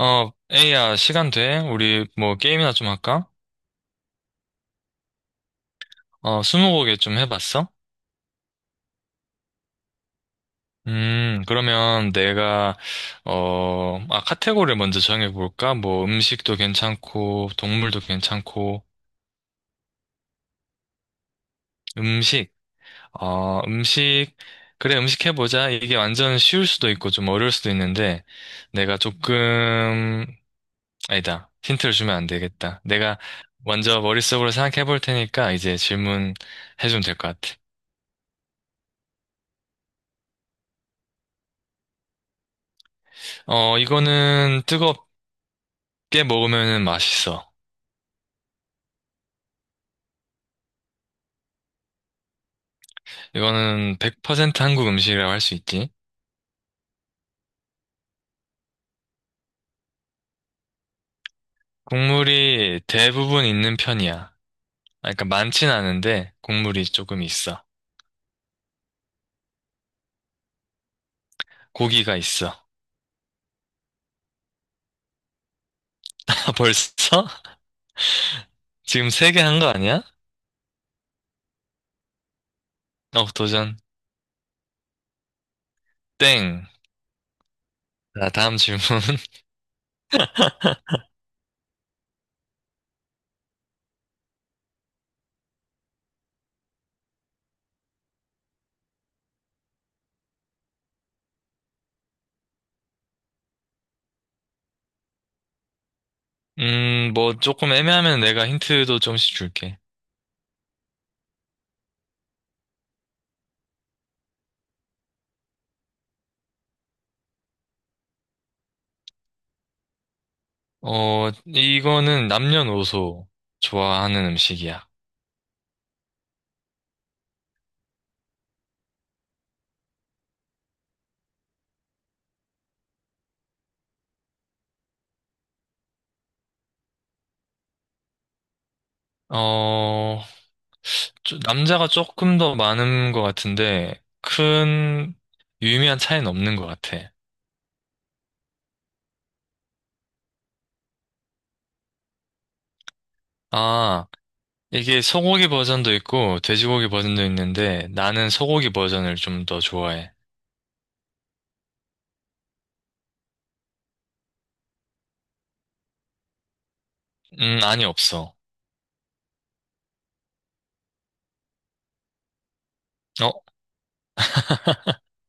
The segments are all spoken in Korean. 에이야, 시간 돼? 우리 뭐 게임이나 좀 할까? 스무고개 좀 해봤어? 그러면 내가, 카테고리를 먼저 정해볼까? 뭐 음식도 괜찮고, 동물도 괜찮고, 음식, 음식, 그래, 음식 해보자. 이게 완전 쉬울 수도 있고 좀 어려울 수도 있는데, 내가 조금, 아니다. 힌트를 주면 안 되겠다. 내가 먼저 머릿속으로 생각해볼 테니까 이제 질문 해주면 될 것 같아. 이거는 뜨겁게 먹으면 맛있어. 이거는 100% 한국 음식이라고 할 수 있지. 국물이 대부분 있는 편이야. 아, 그러니까 많진 않은데 국물이 조금 있어. 고기가 있어. 아, 벌써? 지금 세 개 한 거 아니야? 어, 도전. 땡. 자, 다음 질문. 뭐 조금 애매하면 내가 힌트도 좀씩 줄게. 이거는 남녀노소 좋아하는 음식이야. 어, 남자가 조금 더 많은 것 같은데, 큰, 유의미한 차이는 없는 것 같아. 아, 이게 소고기 버전도 있고, 돼지고기 버전도 있는데, 나는 소고기 버전을 좀 더 좋아해. 아니, 없어. 어?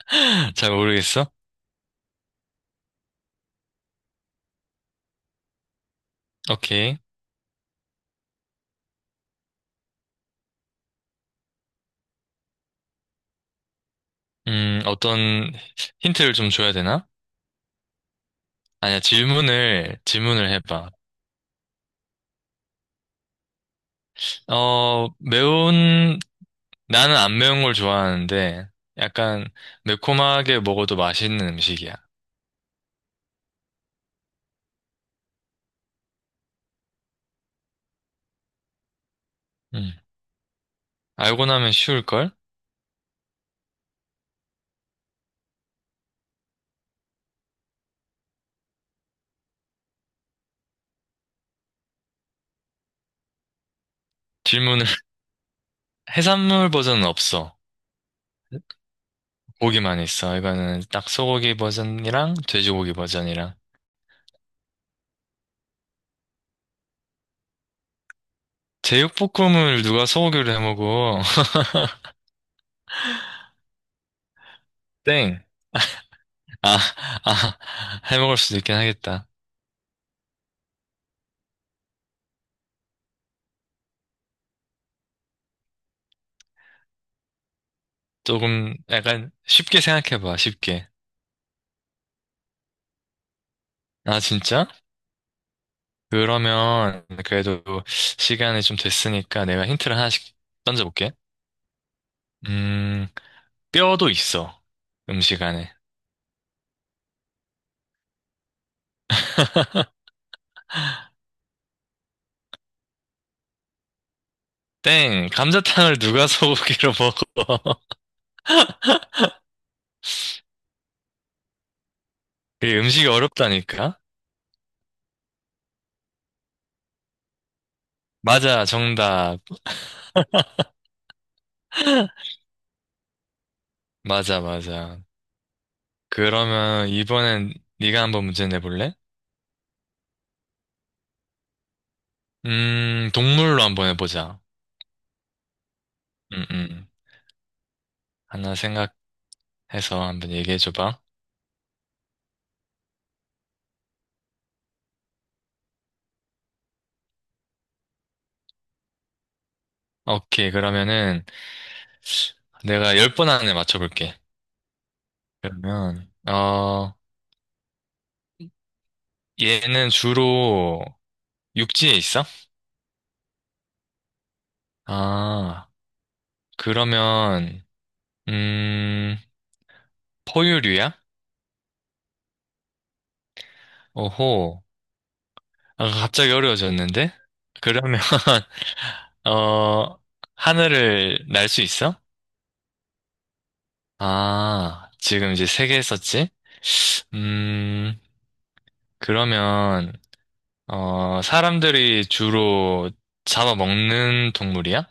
잘 모르겠어? 오케이. 어떤 힌트를 좀 줘야 되나? 아니야, 질문을 해봐. 매운, 나는 안 매운 걸 좋아하는데, 약간 매콤하게 먹어도 맛있는 음식이야. 음. 알고 나면 쉬울걸? 질문을. 해산물 버전은 없어. 고기만 있어. 이거는 딱 소고기 버전이랑 돼지고기 버전이랑. 제육볶음을 누가 소고기로 해 먹어? 땡. 아, 아, 해 먹을 수도 있긴 하겠다. 조금 약간 쉽게 생각해봐, 쉽게. 아, 진짜? 그러면 그래도 시간이 좀 됐으니까 내가 힌트를 하나씩 던져볼게. 음, 뼈도 있어, 음식 안에. 땡, 감자탕을 누가 소고기로 먹어? 그게 음식이 어렵다니까? 맞아, 정답. 맞아, 맞아. 그러면 이번엔 네가 한번 문제 내볼래? 동물로 한번 해보자. 음, 음. 하나 생각해서 한번 얘기해줘봐. 오케이, 그러면은 내가 열 번 안에 맞춰볼게. 그러면, 얘는 주로 육지에 있어? 아, 그러면, 음, 포유류야? 오호. 아, 갑자기 어려워졌는데? 그러면, 어, 하늘을 날 수 있어? 아, 지금 이제 세 개 했었지? 음, 그러면, 사람들이 주로 잡아먹는 동물이야?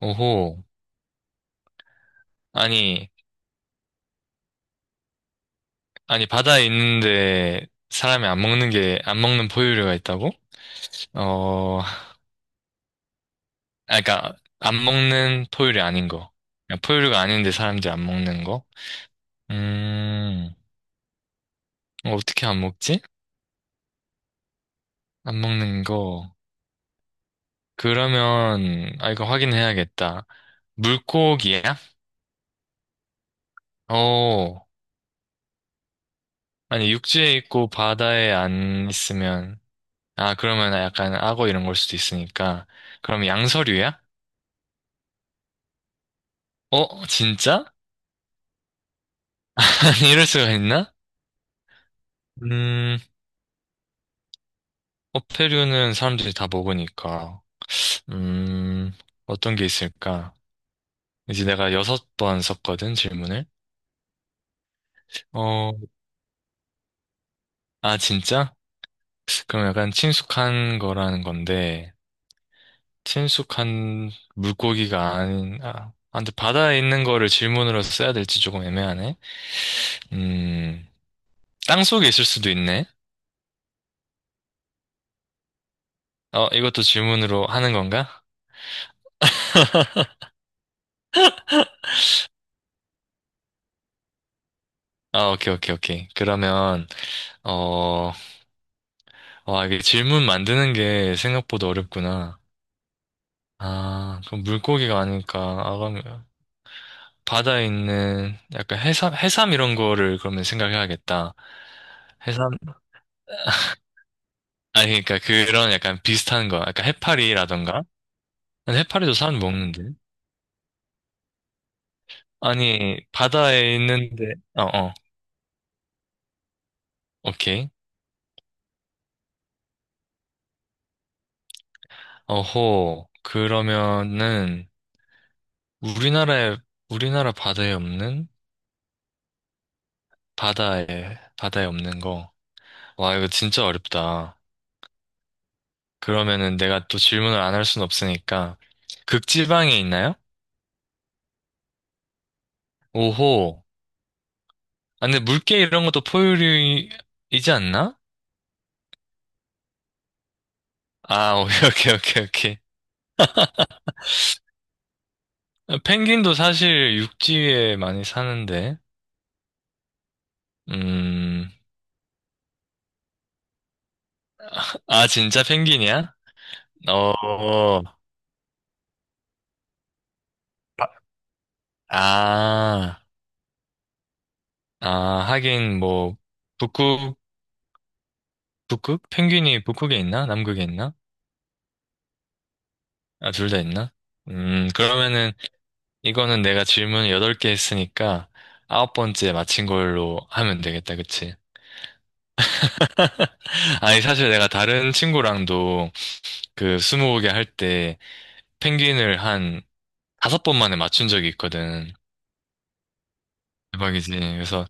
오호. 아니, 아니, 바다에 있는데 사람이 안 먹는 게, 안 먹는 포유류가 있다고? 어, 아, 그러니까 안 먹는 포유류 아닌 거. 그냥 포유류가 아닌데 사람들이 안 먹는 거. 음, 어떻게 안 먹지? 안 먹는 거. 그러면, 아, 이거 확인해야겠다. 물고기야? 어, 아니, 육지에 있고 바다에 안 있으면, 아, 그러면 약간 악어 이런 걸 수도 있으니까. 그럼 양서류야? 어, 진짜? 아니, 이럴 수가 있나? 음, 어패류는 사람들이 다 먹으니까. 음, 어떤 게 있을까? 이제 내가 여섯 번 썼거든, 질문을. 어, 아, 진짜? 그럼 약간 친숙한 거라는 건데, 친숙한 물고기가 아닌, 근데 바다에 있는 거를 질문으로 써야 될지 조금 애매하네. 음, 땅속에 있을 수도 있네. 어, 이것도 질문으로 하는 건가? 아, 오케이, 오케이, 오케이. 그러면, 어, 와, 이게 질문 만드는 게 생각보다 어렵구나. 아, 그럼 물고기가 아닐까. 아, 그럼 바다에 있는 약간 해삼 이런 거를 그러면 생각해야겠다. 해삼, 아니, 그러니까 그런 약간 비슷한 거, 약간 해파리라던가? 아니, 해파리도 사람 먹는데? 아니, 바다에 있는데, 어, 어, 오케이. 어호, 그러면은, 우리나라에, 우리나라 바다에 없는? 바다에, 바다에 없는 거. 와, 이거 진짜 어렵다. 그러면은 내가 또 질문을 안 할 순 없으니까, 극지방에 있나요? 오호. 아, 근데 물개 이런 것도 포유류이지 않나? 아, 오케이, 오케이, 오케이, 오케이. 아, 펭귄도 사실 육지에 많이 사는데. 음, 아, 진짜 펭귄이야? 어, 바- 아, 아, 하긴 뭐, 북극, 북극? 펭귄이 북극에 있나? 남극에 있나? 아, 둘 다 있나? 그러면은, 이거는 내가 질문 8개 했으니까, 아홉 번째 맞힌 걸로 하면 되겠다, 그치? 아니, 사실 내가 다른 친구랑도 그 스무고개 할 때 펭귄을 한 다섯 번 만에 맞춘 적이 있거든. 대박이지. 그래서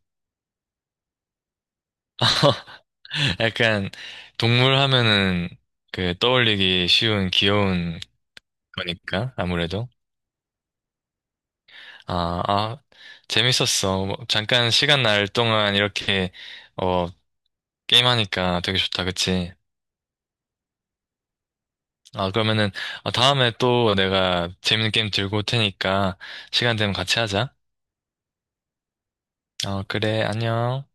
약간 동물 하면은 그 떠올리기 쉬운 귀여운 거니까 아무래도 아, 아 재밌었어. 뭐 잠깐 시간 날 동안 이렇게 어 게임하니까 되게 좋다, 그치? 아 그러면은 어, 다음에 또 내가 재밌는 게임 들고 올 테니까 시간 되면 같이 하자. 어 그래, 안녕.